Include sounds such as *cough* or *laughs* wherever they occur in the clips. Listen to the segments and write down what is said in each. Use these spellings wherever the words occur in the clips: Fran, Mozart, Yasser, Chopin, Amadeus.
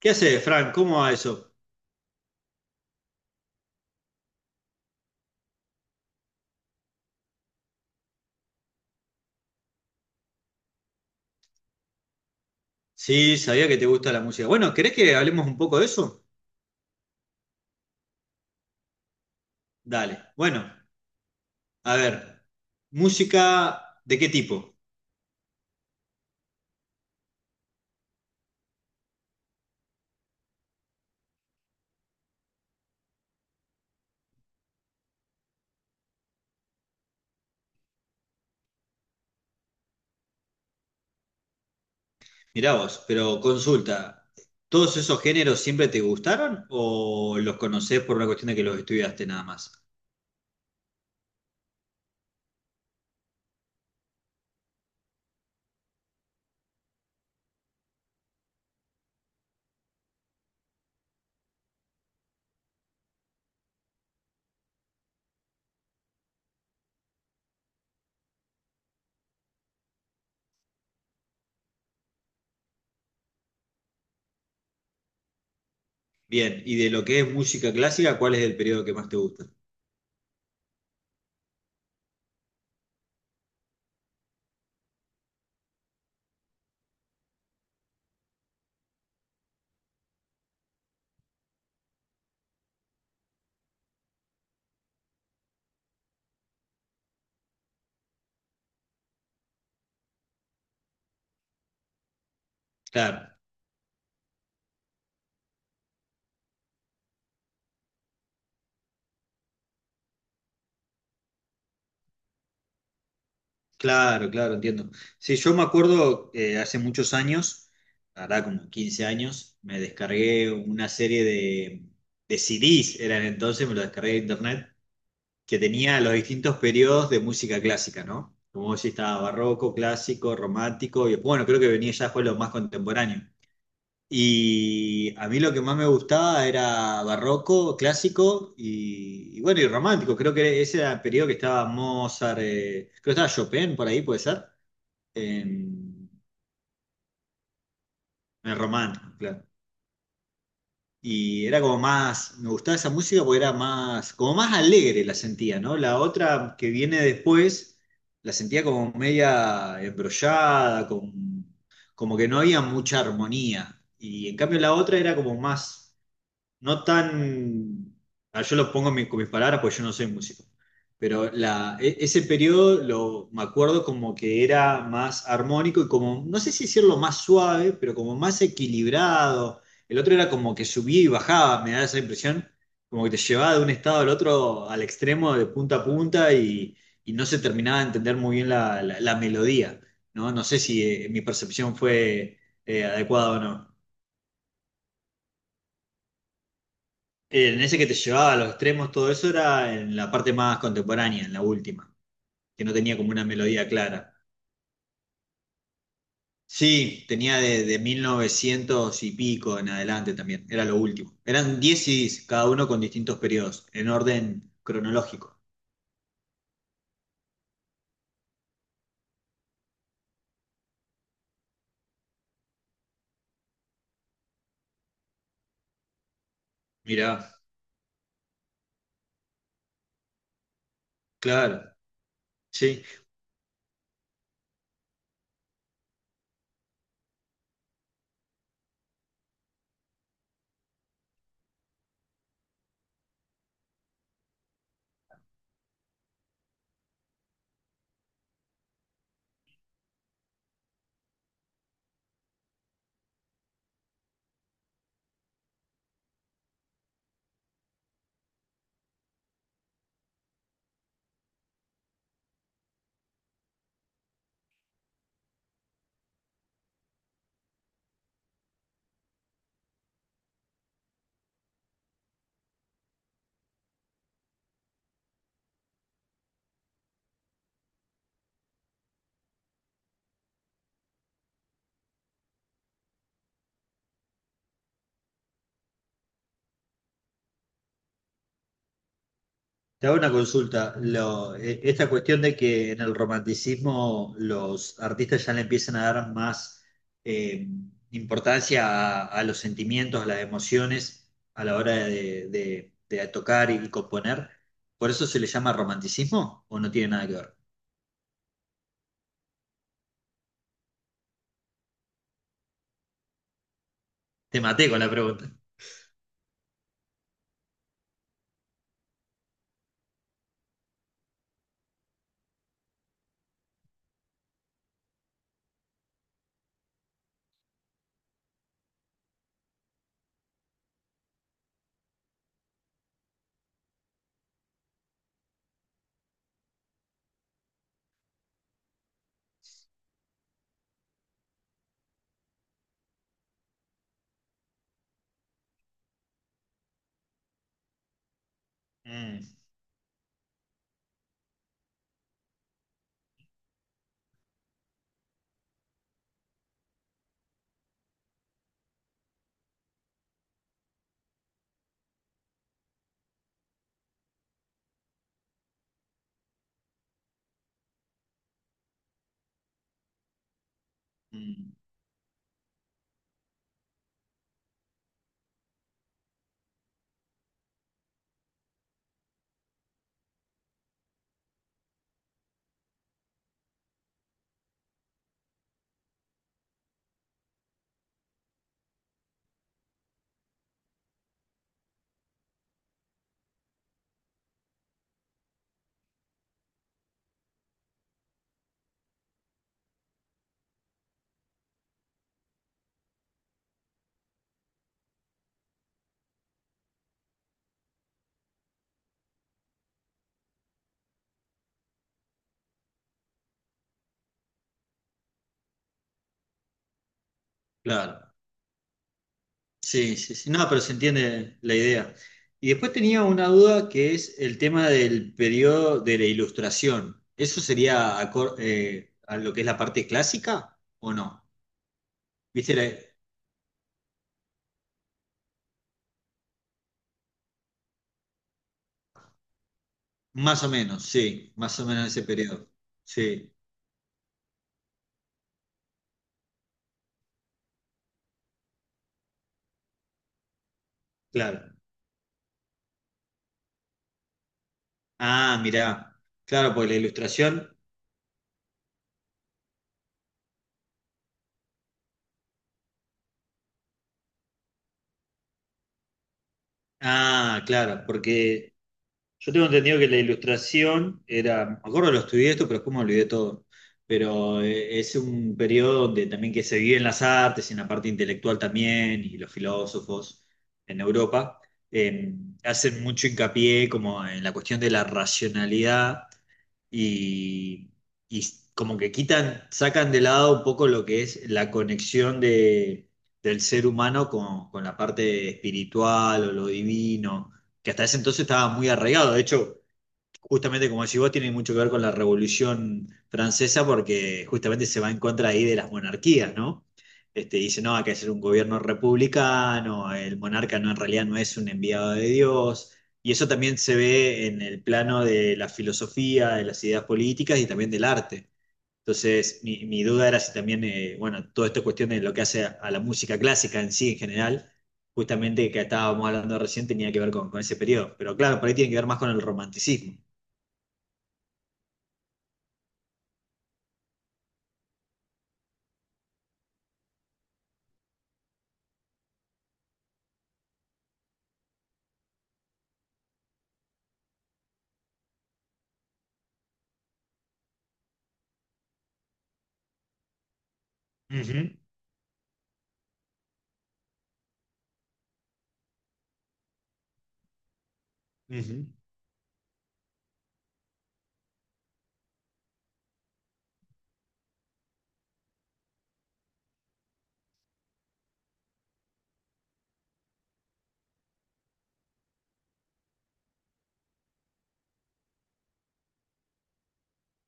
¿Qué haces, Fran? ¿Cómo va eso? Sí, sabía que te gusta la música. Bueno, ¿querés que hablemos un poco de eso? Dale. Bueno, a ver, ¿música de qué tipo? Mirá vos, pero consulta, ¿todos esos géneros siempre te gustaron o los conocés por una cuestión de que los estudiaste nada más? Bien, y de lo que es música clásica, ¿cuál es el periodo que más te gusta? Claro. Claro, claro, entiendo. Sí, yo me acuerdo, hace muchos años, hará como 15 años, me descargué una serie de CDs, eran entonces, me lo descargué de internet, que tenía los distintos periodos de música clásica, ¿no? Como vos decís, estaba barroco, clásico, romántico, y después, bueno, creo que venía ya fue lo más contemporáneo. Y a mí lo que más me gustaba era barroco, clásico y bueno, y romántico. Creo que ese era el periodo que estaba Mozart, creo que estaba Chopin por ahí, ¿puede ser? en, en el romántico, claro. Y era como más, me gustaba esa música porque era más, como más alegre la sentía, ¿no? La otra que viene después, la sentía como media embrollada, con, como que no había mucha armonía. Y en cambio la otra era como más no tan, yo lo pongo con mis palabras, porque yo no soy músico, pero ese periodo me acuerdo como que era más armónico y, como, no sé si decirlo más suave, pero como más equilibrado. El otro era como que subía y bajaba, me da esa impresión, como que te llevaba de un estado al otro, al extremo, de punta a punta, y no se terminaba de entender muy bien la melodía, ¿no? No sé si mi percepción fue adecuada o no. En ese que te llevaba a los extremos, todo eso era en la parte más contemporánea, en la última, que no tenía como una melodía clara. Sí, tenía de 1900 y pico en adelante también, era lo último. Eran 10 CDs, cada uno con distintos periodos, en orden cronológico. Mirá, claro, sí. Te hago una consulta. Esta cuestión de que en el romanticismo los artistas ya le empiezan a dar más eh, importancia a los sentimientos, a las emociones a la hora de tocar y componer, ¿por eso se le llama romanticismo o no tiene nada que ver? Te maté con la pregunta. Mm, mm, claro. Sí, sí, sí. No, pero se entiende la idea. Y después tenía una duda que es el tema del periodo de la ilustración. ¿Eso sería a lo que es la parte clásica o no? ¿Viste? Más o menos, sí, más o menos ese periodo. Sí, claro. Ah, mirá. Claro, porque la ilustración. Ah, claro, porque yo tengo entendido que la ilustración era, me acuerdo lo estudié esto, pero después me olvidé todo. Pero es un periodo donde también que se vive en las artes y en la parte intelectual también, y los filósofos en Europa eh, hacen mucho hincapié como en la cuestión de la racionalidad, y, y como que quitan, sacan de lado un poco lo que es la conexión del ser humano con la parte espiritual o lo divino, que hasta ese entonces estaba muy arraigado. De hecho, justamente como decís vos, tiene mucho que ver con la Revolución Francesa porque justamente se va en contra ahí de las monarquías, ¿no? Este, dice, no, hay que hacer un gobierno republicano, el monarca no, en realidad no es un enviado de Dios, y eso también se ve en el plano de la filosofía, de las ideas políticas y también del arte. Entonces, mi duda era si también, bueno, toda esta cuestión de lo que hace a la música clásica en sí, en general, justamente que estábamos hablando recién, tenía que ver con ese periodo. Pero claro, por ahí tiene que ver más con el romanticismo. Ujú.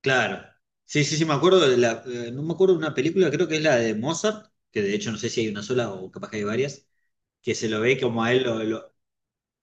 Claro. Sí, sí, sí, me acuerdo de no me acuerdo de una película, creo que es la de Mozart, que de hecho no sé si hay una sola o capaz que hay varias, que se lo ve como a él lo, lo-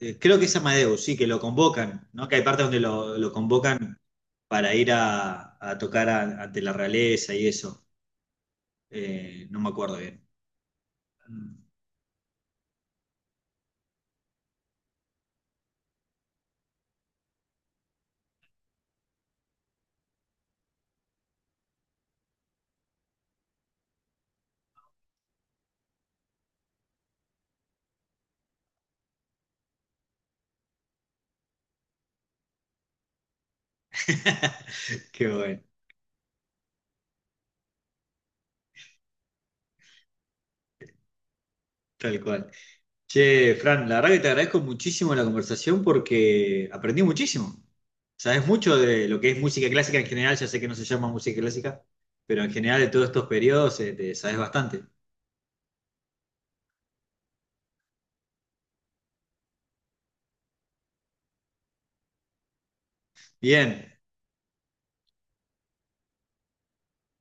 eh, creo que es Amadeus, sí, que lo convocan, ¿no? Que hay partes donde lo convocan para ir a tocar ante la realeza y eso. No me acuerdo bien. Mm. *laughs* Qué bueno, tal cual. Che, Fran, la verdad que te agradezco muchísimo la conversación porque aprendí muchísimo. Sabes mucho de lo que es música clásica en general, ya sé que no se llama música clásica, pero en general de todos estos periodos te sabes bastante. Bien,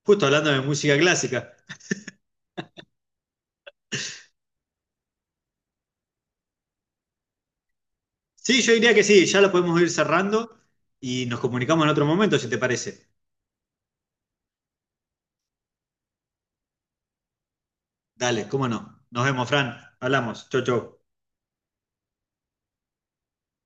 justo hablando de música clásica. Sí, yo diría que sí, ya lo podemos ir cerrando y nos comunicamos en otro momento, si te parece. Dale, cómo no. Nos vemos, Fran. Hablamos. Chau, chau.